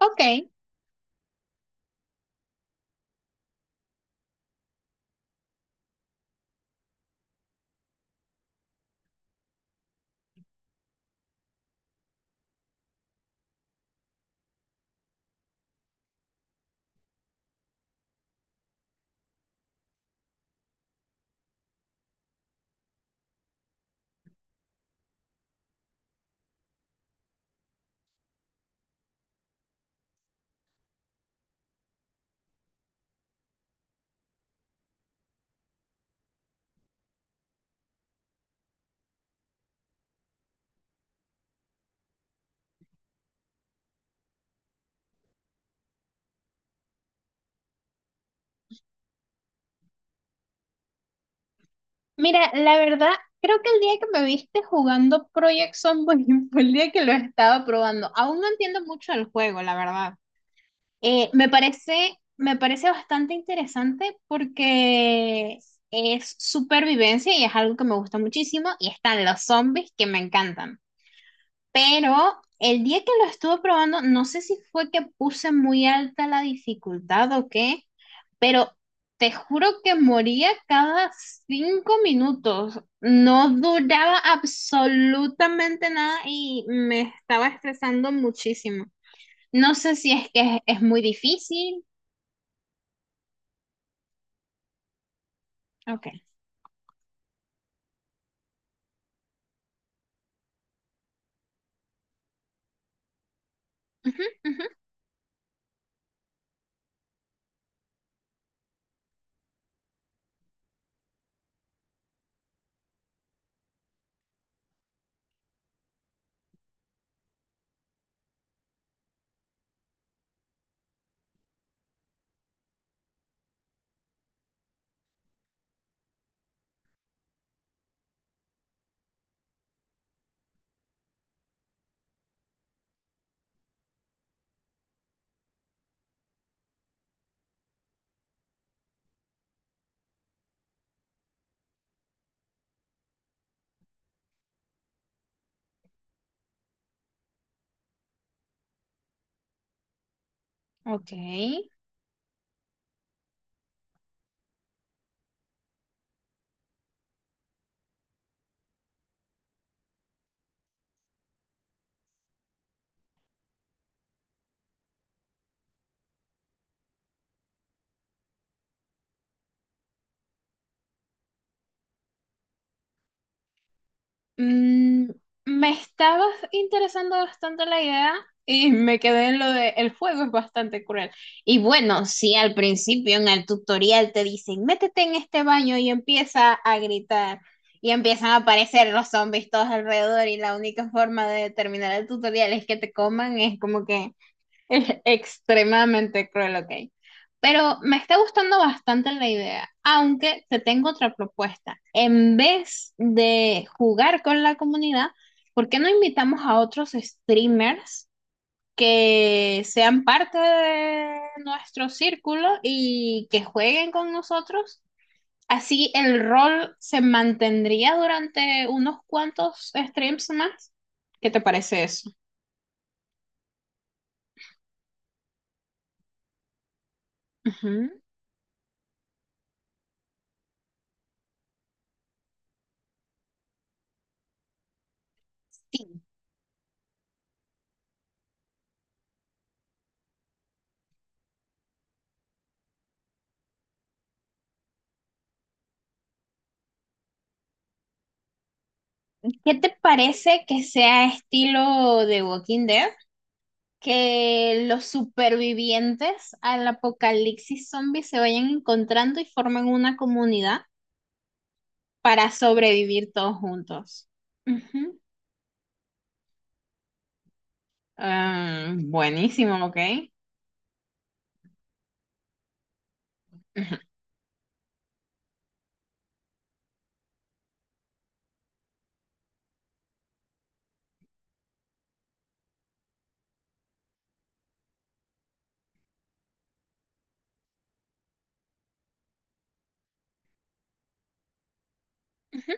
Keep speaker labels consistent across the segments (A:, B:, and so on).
A: Ok, mira, la verdad, creo que el día que me viste jugando Project Zomboid fue el día que lo estaba probando. Aún no entiendo mucho del juego, la verdad. Me parece bastante interesante porque es supervivencia y es algo que me gusta muchísimo. Y están los zombies que me encantan. Pero el día que lo estuve probando, no sé si fue que puse muy alta la dificultad o qué, pero te juro que moría cada 5 minutos. No duraba absolutamente nada y me estaba estresando muchísimo. No sé si es que es muy difícil. Ok. Ujú, ujú. Ok. Mm, Me estaba interesando bastante la idea y me quedé en lo de el juego es bastante cruel. Y bueno, si al principio en el tutorial te dicen, métete en este baño y empieza a gritar, y empiezan a aparecer los zombies todos alrededor, y la única forma de terminar el tutorial es que te coman, es como que extremadamente cruel, ok. Pero me está gustando bastante la idea, aunque te tengo otra propuesta. En vez de jugar con la comunidad, ¿por qué no invitamos a otros streamers que sean parte de nuestro círculo y que jueguen con nosotros? Así el rol se mantendría durante unos cuantos streams más. ¿Qué te parece eso? Ujú. Sí. ¿Qué te parece que sea estilo de Walking Dead? Que los supervivientes al apocalipsis zombie se vayan encontrando y formen una comunidad para sobrevivir todos juntos. Ujú. Ah, buenísimo, ok. Ujú, ujú.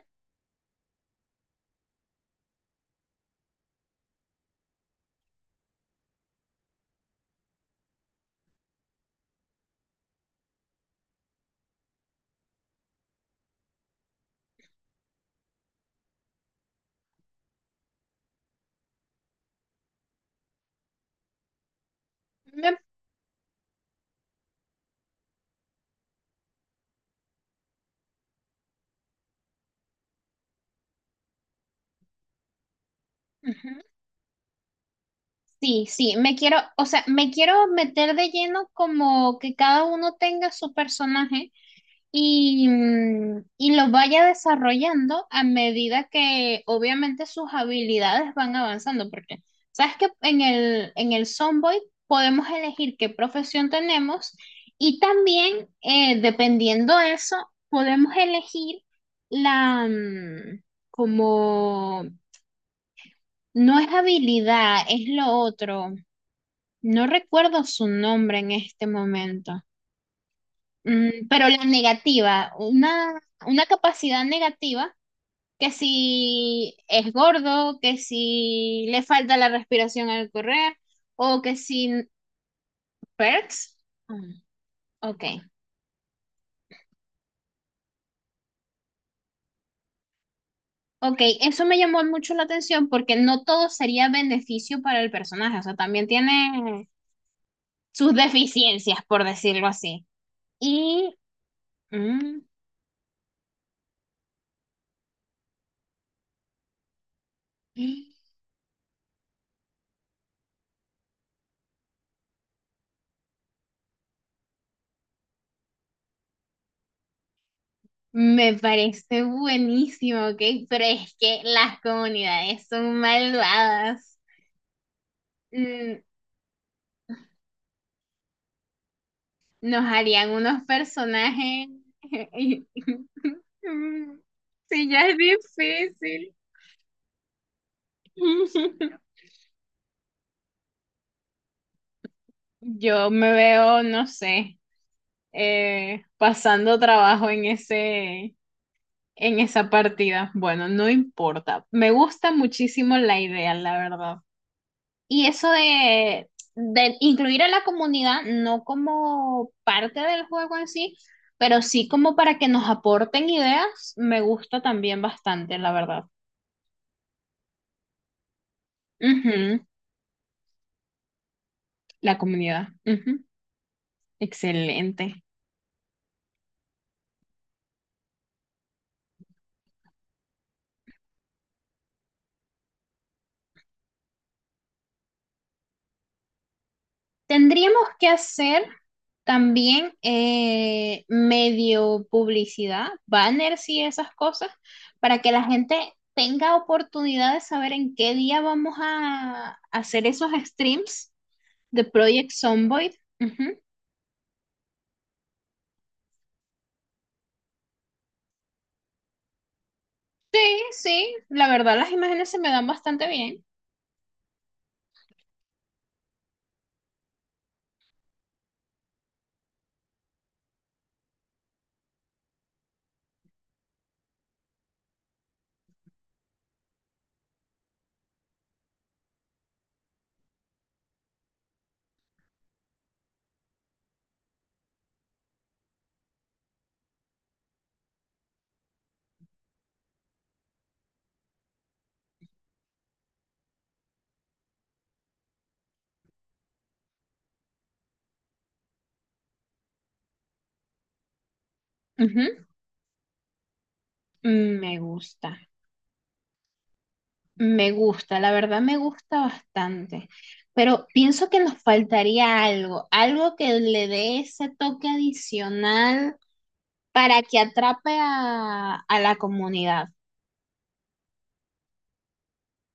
A: Me- Ujú. Sí, sí, me quiero, o sea, me quiero meter de lleno como que cada uno tenga su personaje. Y los vaya desarrollando a medida que obviamente sus habilidades van avanzando, porque sabes que en el Sonboy podemos elegir qué profesión tenemos y también dependiendo de eso podemos elegir la como no es habilidad, es lo otro. No recuerdo su nombre en este momento. Pero la negativa, una capacidad negativa, que si es gordo, que si le falta la respiración al correr, o que si perks. Mm, ok, ok, eso me llamó mucho la atención porque no todo sería beneficio para el personaje, o sea, también tiene sus deficiencias, por decirlo así. Y mm, me parece buenísimo, ok, pero es que las comunidades son malvadas. Mm, Nos harían unos personajes. Sí, ya es difícil. Yo me veo, no sé, pasando trabajo en ese, en esa partida. Bueno, no importa. Me gusta muchísimo la idea, la verdad. Y eso de incluir a la comunidad, no como parte del juego en sí, pero sí como para que nos aporten ideas, me gusta también bastante, la verdad. Ujú. La comunidad. Ujú. Excelente. Tendríamos que hacer también medio publicidad, banners y esas cosas, para que la gente tenga oportunidad de saber en qué día vamos a hacer esos streams the Project Zomboid. Ujú. Sí, sí, la verdad las imágenes se me dan bastante bien. Ujú. Mm, Me gusta, me gusta, la verdad me gusta bastante. Pero pienso que nos faltaría algo, algo que le dé ese toque adicional para que atrape a la comunidad.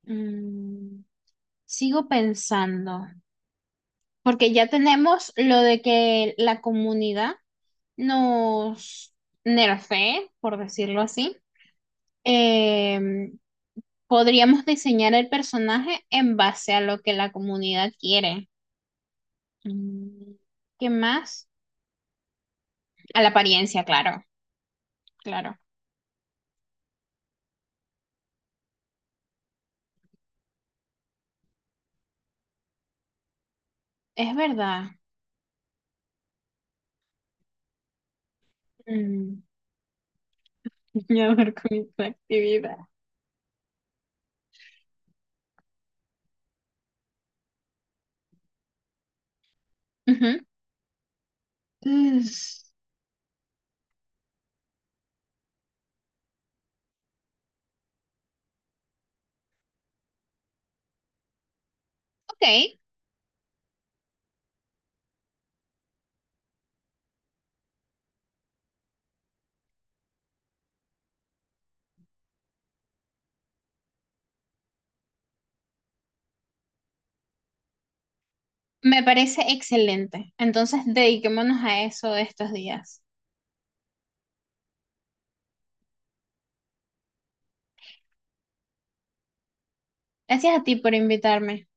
A: Mm, Sigo pensando, porque ya tenemos lo de que la comunidad nos nerfee, por decirlo así. em, Podríamos diseñar el personaje en base a lo que la comunidad quiere. Mm, ¿Qué más? A la apariencia, claro, claro. Es verdad. Mm, Soñador con esta actividad. Ujú. Mm, Ok, me parece excelente. Entonces, dediquémonos a eso estos días. Gracias a ti por invitarme.